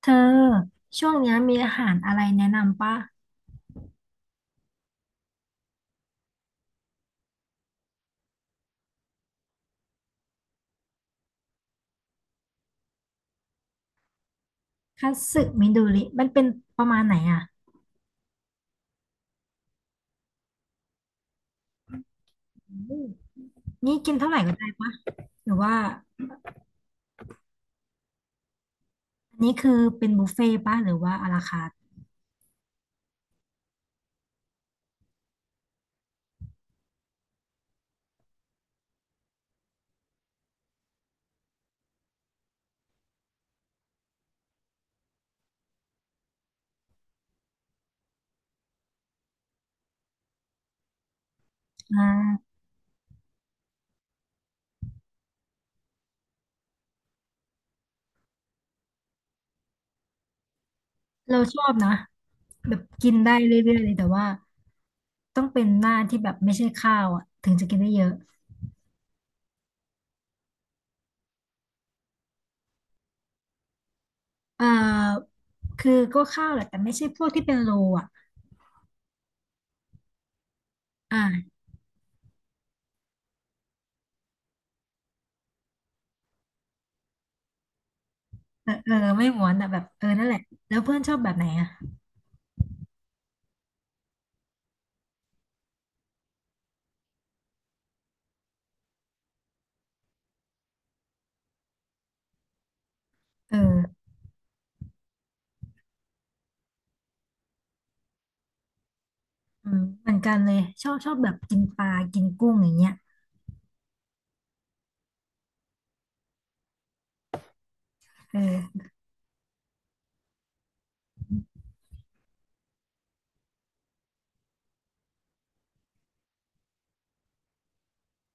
เธอช่วงเนี้ยมีอาหารอะไรแนะนำปะคัตสึมิดูริมันเป็นประมาณไหนอ่ะอืมนี่กินเท่าไหร่ก็ได้ป่ะหรือว่าอันนี้คือเป็นบุฟเฟ่ต์ป่ะหรือว่าอาราคาร์ทอ่าเราชอบนะแบบกินได้เรื่อยๆเลยแต่ว่าต้องเป็นหน้าที่แบบไม่ใช่ข้าวอ่ะถึงจะกินได้เยอะเอ่อคือก็ข้าวแหละแต่ไม่ใช่พวกที่เป็นโลอ่ะอ่าเออเออไม่หวานอ่ะแบบเออนั่นแหละแล้วเพื่อนชอบแบบไหนอ่ะเออ อืมเหมือนกันเลยชอบแบบกินปลากินกุ้งอย่างเงี้ยเออ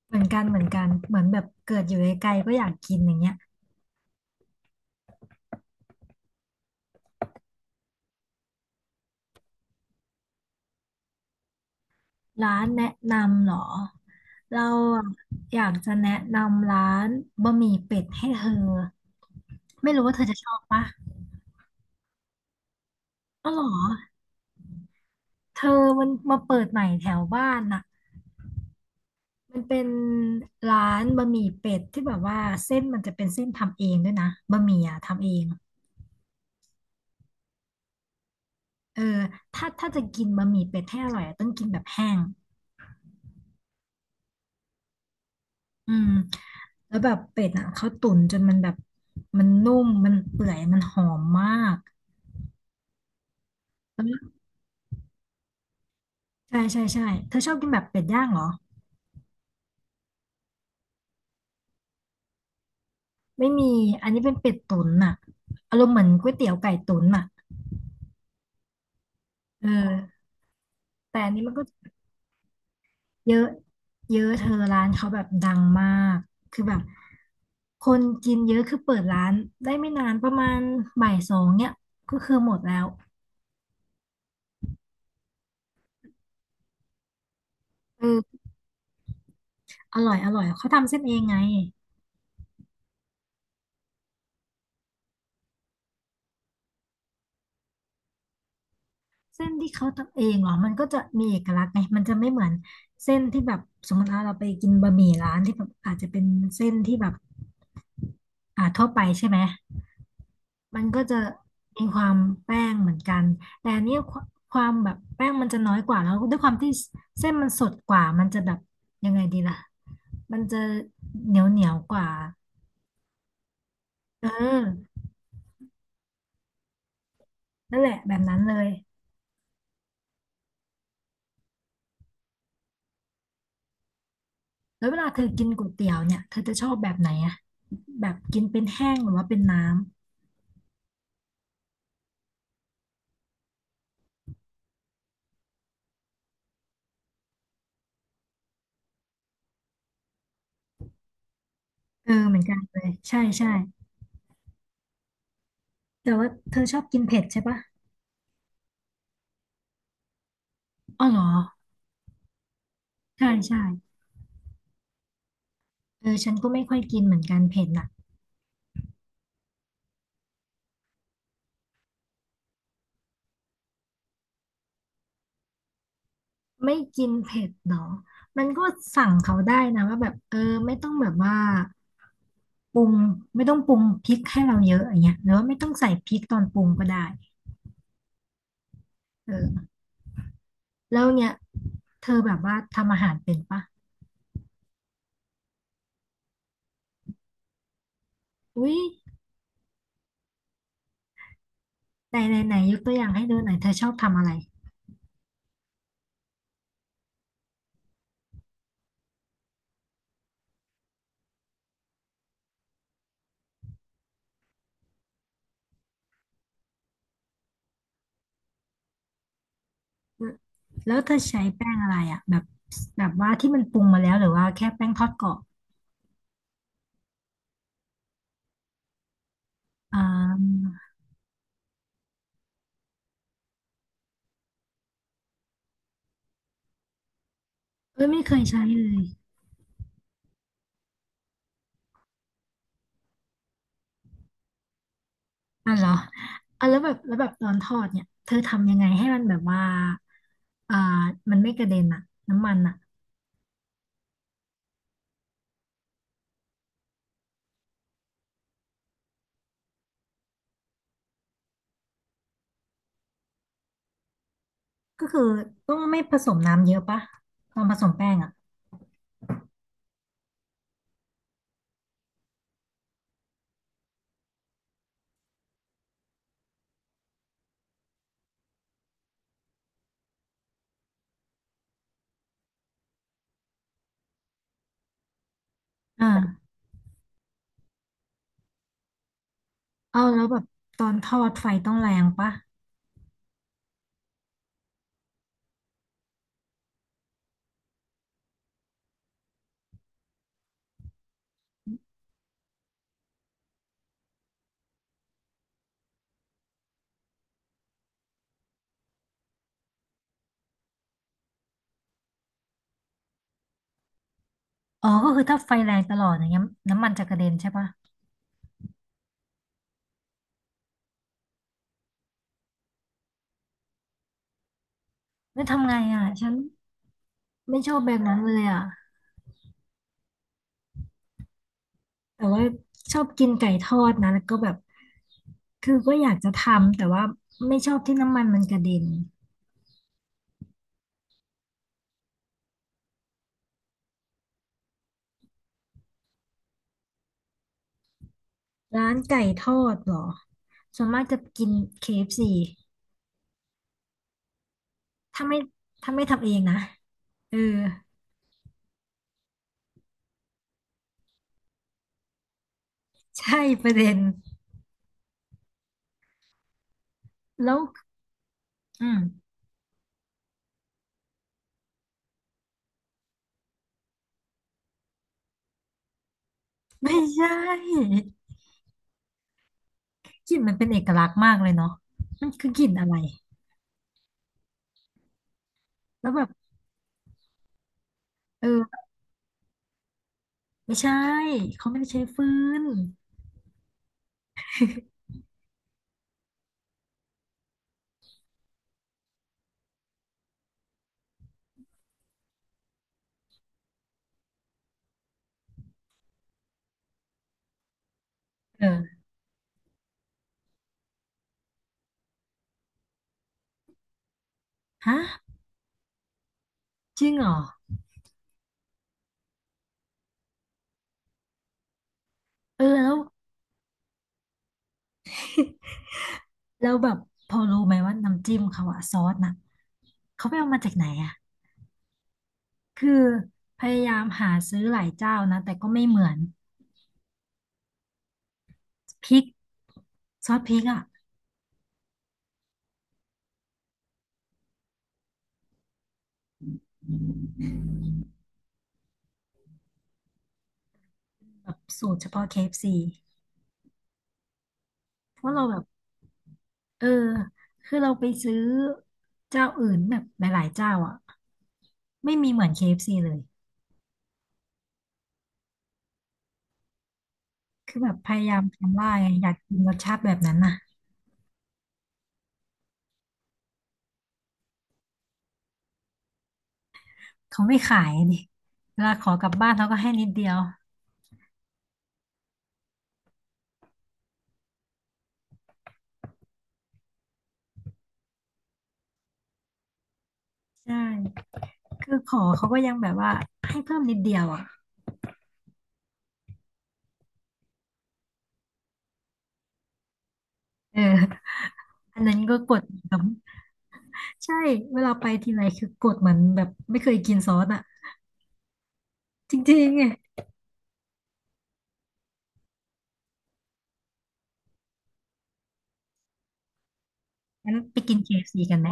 เหมือนกันเหมือนกัน เหมือนแบบเกิดอยู่ไกลๆก็อยากกินอย่างเงี้ยร้านแนะนำเหรอ เราอะอยากจะแนะนำร้านบะหมี่เป็ดให้เธอไม่รู้ว่าเธอจะชอบปะอ๋อเหรอเธอมันมาเปิดใหม่แถวบ้านน่ะมันเป็นร้านบะหมี่เป็ดที่แบบว่าเส้นมันจะเป็นเส้นทำเองด้วยนะบะหมี่อะทำเองเออถ้าจะกินบะหมี่เป็ดให้อร่อยอะต้องกินแบบแห้ง อืมแล้วแบบเป็ดอ่ะเขาตุ๋นจนมันแบบมันนุ่มมันเปื่อยมันหอมมากแล้วใช่ใช่ใช่เธอชอบกินแบบเป็ดย่างเหรอไม่มีอันนี้เป็นเป็ดตุ๋นอ่ะอารมณ์เหมือนก๋วยเตี๋ยวไก่ตุ๋นอ่ะเออแต่อันนี้มันก็เยอะเยอะเธอร้านเขาแบบดังมากคือแบบคนกินเยอะคือเปิดร้านได้ไม่นานประมาณบ่ายสองเนี่ยก็คือหมดแล้วเอออร่อยอร่อยเขาทำเส้นเองไง เส้นที่เขาทำเองเหรอมันก็จะมีเอกลักษณ์ไงมันจะไม่เหมือนเส้นที่แบบสมมติว่าเราไปกินบะหมี่ร้านที่แบบอาจจะเป็นเส้นที่แบบทั่วไปใช่ไหมมันก็จะมีความแป้งเหมือนกันแต่อันนี้ความแบบแป้งมันจะน้อยกว่าแล้วด้วยความที่เส้นมันสดกว่ามันจะแบบยังไงดีล่ะมันจะเหนียวกว่าเออนั่นแหละแบบนั้นเลย แล้วเวลาเธอกินก๋วยเตี๋ยวเนี่ย เธอจะชอบแบบไหนอะแบบกินเป็นแห้งหรือว่าเป็นน้ำเออเหมือนกันเลยใช่ใช่ แต่ว่าเธอชอบกินเผ็ดใช่ปะอ๋อเหรอใช่ใช่เออฉันก็ไม่ค่อยกินเหมือนกันเผ็ดน่ะไม่กินเผ็ดเหรอ มันก็สั่งเขาได้นะว่าแบบเออไม่ต้องแบบว่าปรุงไม่ต้องปรุงพริกให้เราเยอะอย่างเงี้ยหรือว่าไม่ต้องใส่พริกตอนปรุงก็ได้เออแล้วเนี่ยเธอแบบว่าทำอาหารเป็นปะอุ้ยไหนไหนไหนยกตัวอย่างให้ดูหน่อยเธอชอบทำอะไรแล้วเธอใช้แป้งอะไรอ่ะแบบแบบว่าที่มันปรุงมาแล้วหรือว่าแค่แป้งทอดกรอบอ่า เอ้ยไม่เคยใช้เลยอ่ะเหรออ่ะแล้วแบบแล้วแบบตอนทอดเนี่ยเธอทำยังไงให้มันแบบว่าอ่ามันไม่กระเด็นอะน้ำมันอะก็คือต้องไม่ผสมน้ำเยอะปะตอนผสมแป้งอะอ่าเอาแล้วแบบตอนทอดไฟต้องแรงปะอ๋อก็คือถ้าไฟแรงตลอดอย่างเงี้ยน้ำมันจะกระเด็นใช่ปะแล้วทำไงอะฉันไม่ชอบแบบนั้นเลยอะแต่ว่าชอบกินไก่ทอดนะแล้วก็แบบคือก็อยากจะทำแต่ว่าไม่ชอบที่น้ำมันมันกระเด็น ร้านไก่ทอดเหรอส่วนมากจะกิน KFC ถ้าไม่ถ้าไม่ทำเองนะเออใช่ประเด็นแล้วอืมไม่ใช่กลิ่นมันเป็นเอกลักษณ์มากเลยเนาะมันคือกลิ่นอะไร แล้วแบบเออไม่ใช่เขาไม่ได้ใช้ฟืนเออฮะจริงเหรอเออแล้วแล้วแบบพอรู้ไหมว่าน้ำจิ้มเขาอะซอสน่ะเขาไปเอามาจากไหนอะคือพยายามหาซื้อหลายเจ้านะ แต่ก็ไม่เหมือนพริก ซอสพริกอ่ะแบบสูตรเฉพาะ KFC เอฟซีเพราะเราแบบเออคือเราไปซื้อเจ้าอื่นแบบหลายๆเจ้าอ่ะไม่มีเหมือน KFC เอฟซีเลยคือแบบพยายามทำว่าไงอยากกินรสชาติแบบนั้นน่ะเขาไม่ขายดิเวลาขอกลับบ้านเขาก็ให้นิดเดียวใช่คือขอเขาก็ยังแบบว่าให้เพิ่มนิดเดียวอ่ะเอออันนั้นก็กดแบบใช่เวลาไปทีไรคือกดเหมือนแบบไม่เคยกินซอสอ่ะจริงๆไงงั้นไปกิน KFC กันไหม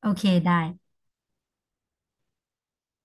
โอเคได้